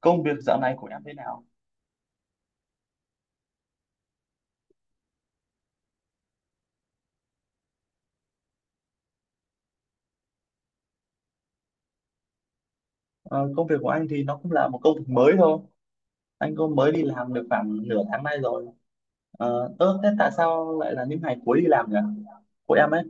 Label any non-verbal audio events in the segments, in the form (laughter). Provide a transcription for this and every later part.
Công việc dạo này của em thế nào? Ờ, Công việc của anh thì nó cũng là một công việc mới thôi. Anh cũng mới đi làm được khoảng nửa tháng nay rồi. Ơ thế tại sao lại là những ngày cuối đi làm nhỉ, của em ấy?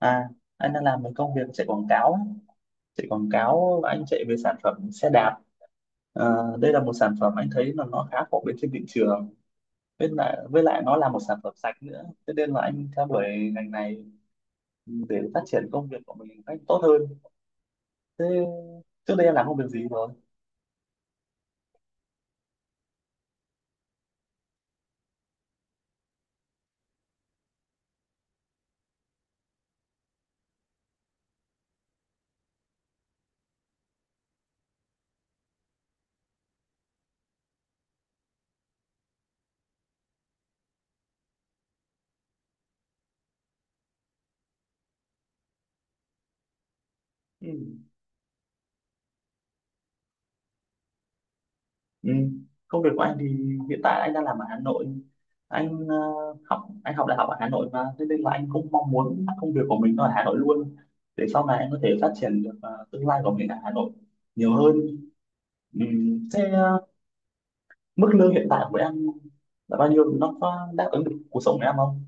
À, anh đang làm một công việc chạy quảng cáo ấy. Chạy quảng cáo, và anh chạy về sản phẩm xe đạp. Đây là một sản phẩm anh thấy là nó khá phổ biến trên thị trường, với lại nó là một sản phẩm sạch nữa, thế nên là anh theo đuổi ngành này để phát triển công việc của mình một cách tốt hơn. Thế trước đây em làm công việc gì rồi? Ừ. Ừ. Công việc của anh thì hiện tại anh đang làm ở Hà Nội. Anh học đại học ở Hà Nội, và thế nên là anh cũng mong muốn công việc của mình nó ở Hà Nội luôn, để sau này anh có thể phát triển được tương lai của mình ở Hà Nội nhiều hơn. Ừ. Thế mức lương hiện tại của em là bao nhiêu? Nó có đáp ứng được cuộc sống của em không?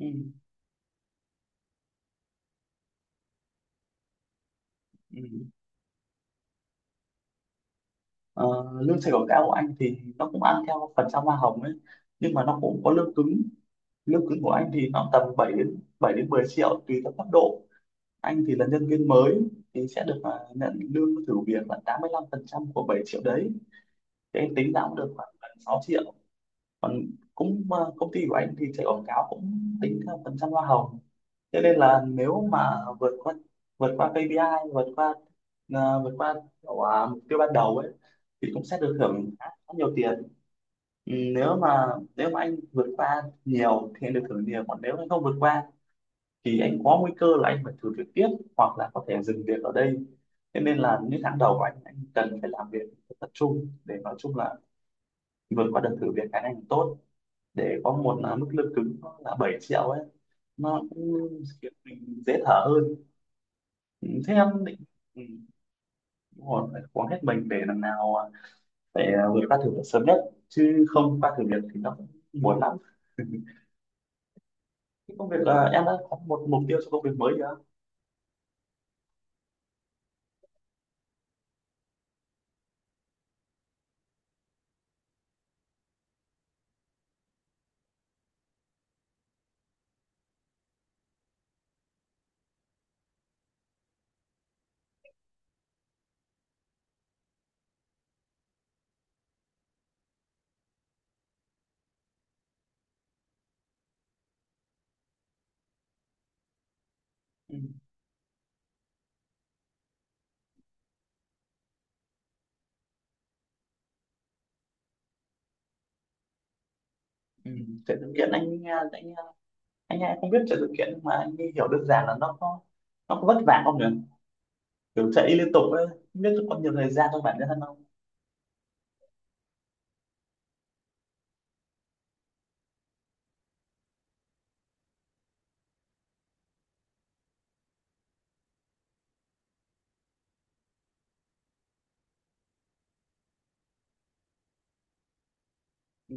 Ừ. Ừ. Ờ, Lương sale cao của anh thì nó cũng ăn theo phần trăm hoa hồng ấy, nhưng mà nó cũng có lương cứng. Lương cứng của anh thì nó tầm bảy đến 10 triệu, tùy theo cấp độ. Anh thì là nhân viên mới, thì sẽ được nhận lương thử việc là 85% của 7 triệu đấy, thì anh tính ra cũng được khoảng gần 6 triệu. Còn cũng công ty của anh thì chạy quảng cáo cũng tính theo phần trăm hoa hồng, cho nên là nếu mà vượt qua KPI, vượt qua à, vượt qua kiểu, à, mục tiêu ban đầu ấy, thì cũng sẽ được thưởng khá khá nhiều tiền. Ừ, nếu mà anh vượt qua nhiều thì anh được thưởng nhiều, còn nếu anh không vượt qua thì anh có nguy cơ là anh phải thử việc tiếp, hoặc là có thể dừng việc ở đây. Thế nên là những tháng đầu của anh cần phải làm việc thật tập trung, để nói chung là vượt qua đợt thử việc cái này tốt, để có một là mức lương cứng nó là 7 triệu ấy, nó cũng khiến mình dễ thở hơn. Ừ, thế em định... Ừ, đúng rồi, phải cố gắng hết mình để lần nào phải vượt qua thử việc sớm nhất, chứ không qua thử việc thì nó cũng buồn lắm. (laughs) Cái công việc là em đã có một mục tiêu cho công việc mới chưa? Ừ. Ừ. Thế thực hiện anh à, anh hay không biết chạy sự kiện, nhưng mà anh ấy hiểu đơn giản là nó có vất vả không nhỉ, kiểu chạy liên tục ấy, không biết có nhiều thời gian cho bản thân không? Ừ.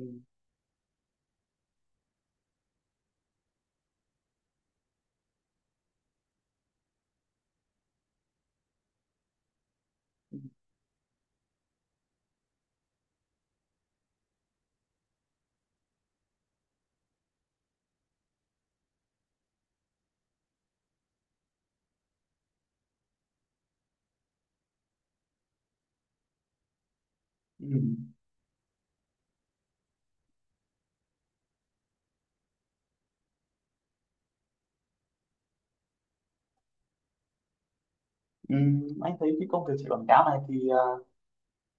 Ừ. Ừ. Ừ. Ừ, anh thấy cái công việc chạy quảng cáo này thì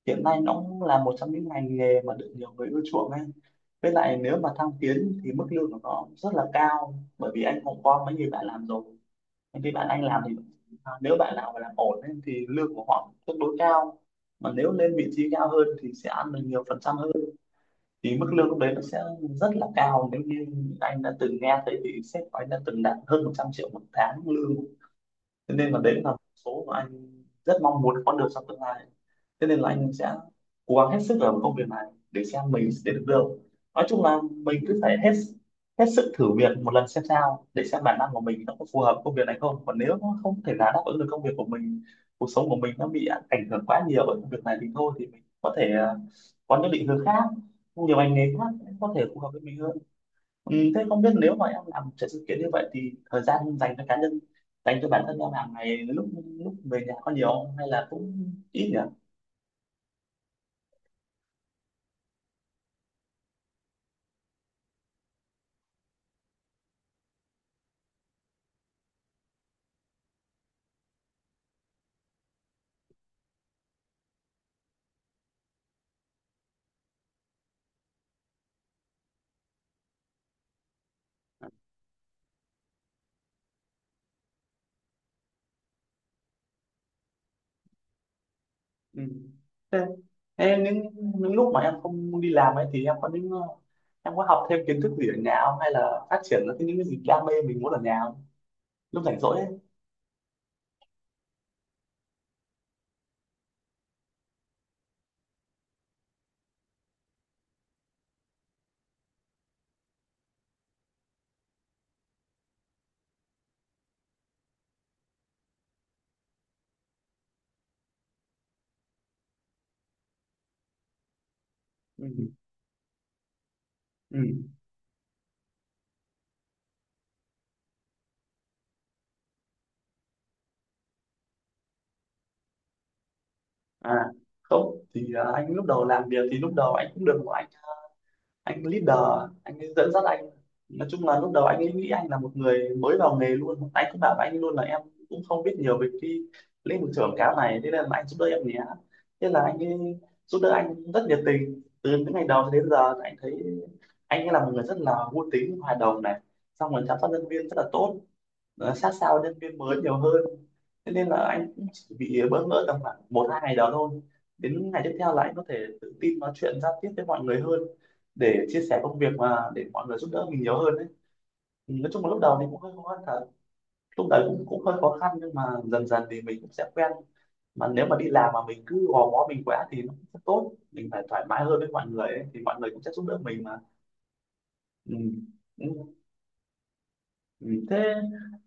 hiện nay nó cũng là một trong những ngành nghề mà được nhiều người ưa chuộng ấy, với lại nếu mà thăng tiến thì mức lương của nó rất là cao, bởi vì anh cũng có mấy người bạn làm rồi. Những cái bạn anh làm thì nếu bạn nào mà làm ổn ấy, thì lương của họ tương đối cao, mà nếu lên vị trí cao hơn thì sẽ ăn được nhiều phần trăm hơn, thì mức lương lúc đấy nó sẽ rất là cao. Nếu như anh đã từng nghe thấy thì sếp của anh đã từng đạt hơn 100 triệu một tháng lương, thế nên là đấy là một số mà anh rất mong muốn có được trong tương lai. Thế nên là anh sẽ cố gắng hết sức ở một công việc này để xem mình sẽ được đâu. Nói chung là mình cứ phải hết hết sức thử việc một lần xem sao, để xem bản năng của mình nó có phù hợp công việc này không. Còn nếu nó không thể là đáp ứng được công việc của mình, cuộc sống của mình nó bị ảnh hưởng quá nhiều bởi công việc này, thì thôi thì mình có thể có những định hướng khác, nhiều ngành nghề khác có thể phù hợp với mình hơn. Ừ, thế không biết nếu mà em làm chạy sự kiện như vậy thì thời gian dành cho cá nhân, dành cho bản thân em hàng ngày lúc lúc về nhà có nhiều không? Hay là cũng ít nhỉ? Ừ. thế, thế, những lúc mà em không đi làm ấy, thì em có học thêm kiến thức gì ở nhà không, hay là phát triển những cái gì đam mê mình muốn ở nhà không, lúc rảnh rỗi ấy? Ừ. Ừ. Ừ. À, không thì anh lúc đầu làm việc thì lúc đầu anh cũng được anh leader, anh ấy dẫn dắt anh. Nói chung là lúc đầu anh ấy nghĩ anh là một người mới vào nghề luôn, anh cứ bảo với anh luôn là em cũng không biết nhiều về cái lĩnh vực quảng cáo này, thế nên là anh giúp đỡ em nhé. Thế là anh ấy giúp đỡ anh rất nhiệt tình từ những ngày đầu đến giờ, thì anh thấy anh ấy là một người rất là vui tính, hòa đồng này, xong rồi chăm sóc nhân viên rất là tốt, nó sát sao nhân viên mới nhiều hơn. Thế nên là anh cũng chỉ bị bỡ ngỡ tầm khoảng một hai ngày đó thôi, đến ngày tiếp theo là anh có thể tự tin nói chuyện giao tiếp với mọi người hơn, để chia sẻ công việc mà để mọi người giúp đỡ mình nhiều hơn đấy. Ừ, nói chung là lúc đầu thì cũng hơi khó khăn thật. Lúc đấy cũng cũng hơi khó khăn, nhưng mà dần dần thì mình cũng sẽ quen. Mà nếu mà đi làm mà mình cứ gò bó mình quá thì nó cũng không tốt, mình phải thoải mái hơn với mọi người ấy, thì mọi người cũng sẽ giúp đỡ mình mà. Ừ. Ừ. Ừ. Thế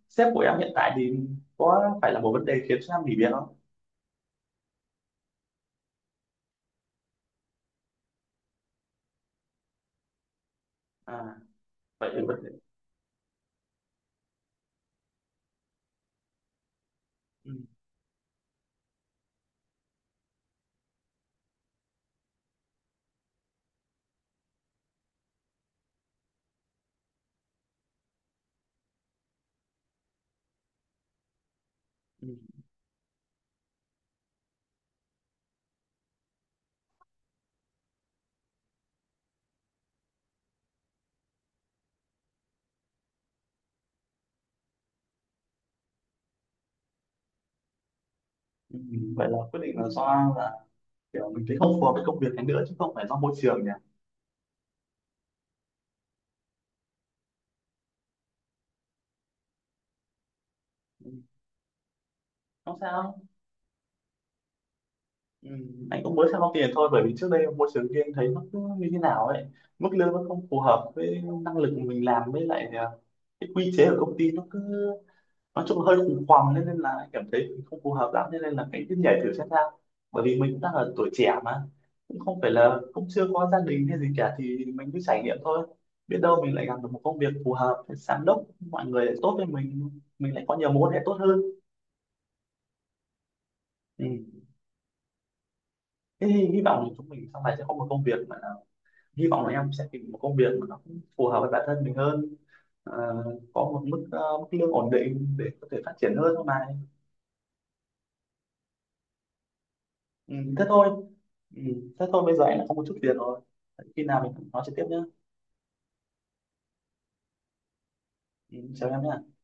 sếp của em hiện tại thì có phải là một vấn đề khiến cho em nghỉ việc không? À, vậy thì quyết định... Ừ, ừ, ừ. Vậy là quyết định là do là kiểu mình thấy không phù hợp với công việc này nữa, chứ không phải do môi trường nhỉ? Ừ. Không sao. Ừ. Anh cũng mới sang Long Tiền thôi, bởi vì trước đây môi trường riêng thấy nó cứ như thế nào ấy, mức lương nó không phù hợp với năng lực mình làm, với lại cái quy chế ở công ty nó cứ nói chung hơi khủng hoảng, nên là anh cảm thấy mình không phù hợp lắm, nên là cái cứ nhảy thử xem sao. Bởi vì mình cũng đang ở tuổi trẻ mà, cũng không phải là cũng chưa có gia đình hay gì cả, thì mình cứ trải nghiệm thôi, biết đâu mình lại gặp được một công việc phù hợp, giám đốc mọi người lại tốt với mình lại có nhiều mối quan hệ tốt hơn. Ừ. Thế thì hy vọng là chúng mình sau này sẽ có một công việc mà, hy vọng là em sẽ tìm một công việc mà nó cũng phù hợp với bản thân mình hơn. Ờ, có một mức lương ổn định để có thể phát triển hơn mà. Ừ, thế thôi. Ừ, thế thôi, bây giờ anh đã có một chút việc rồi. Khi nào mình nói trực tiếp nhé. Ừ, chào em nhé.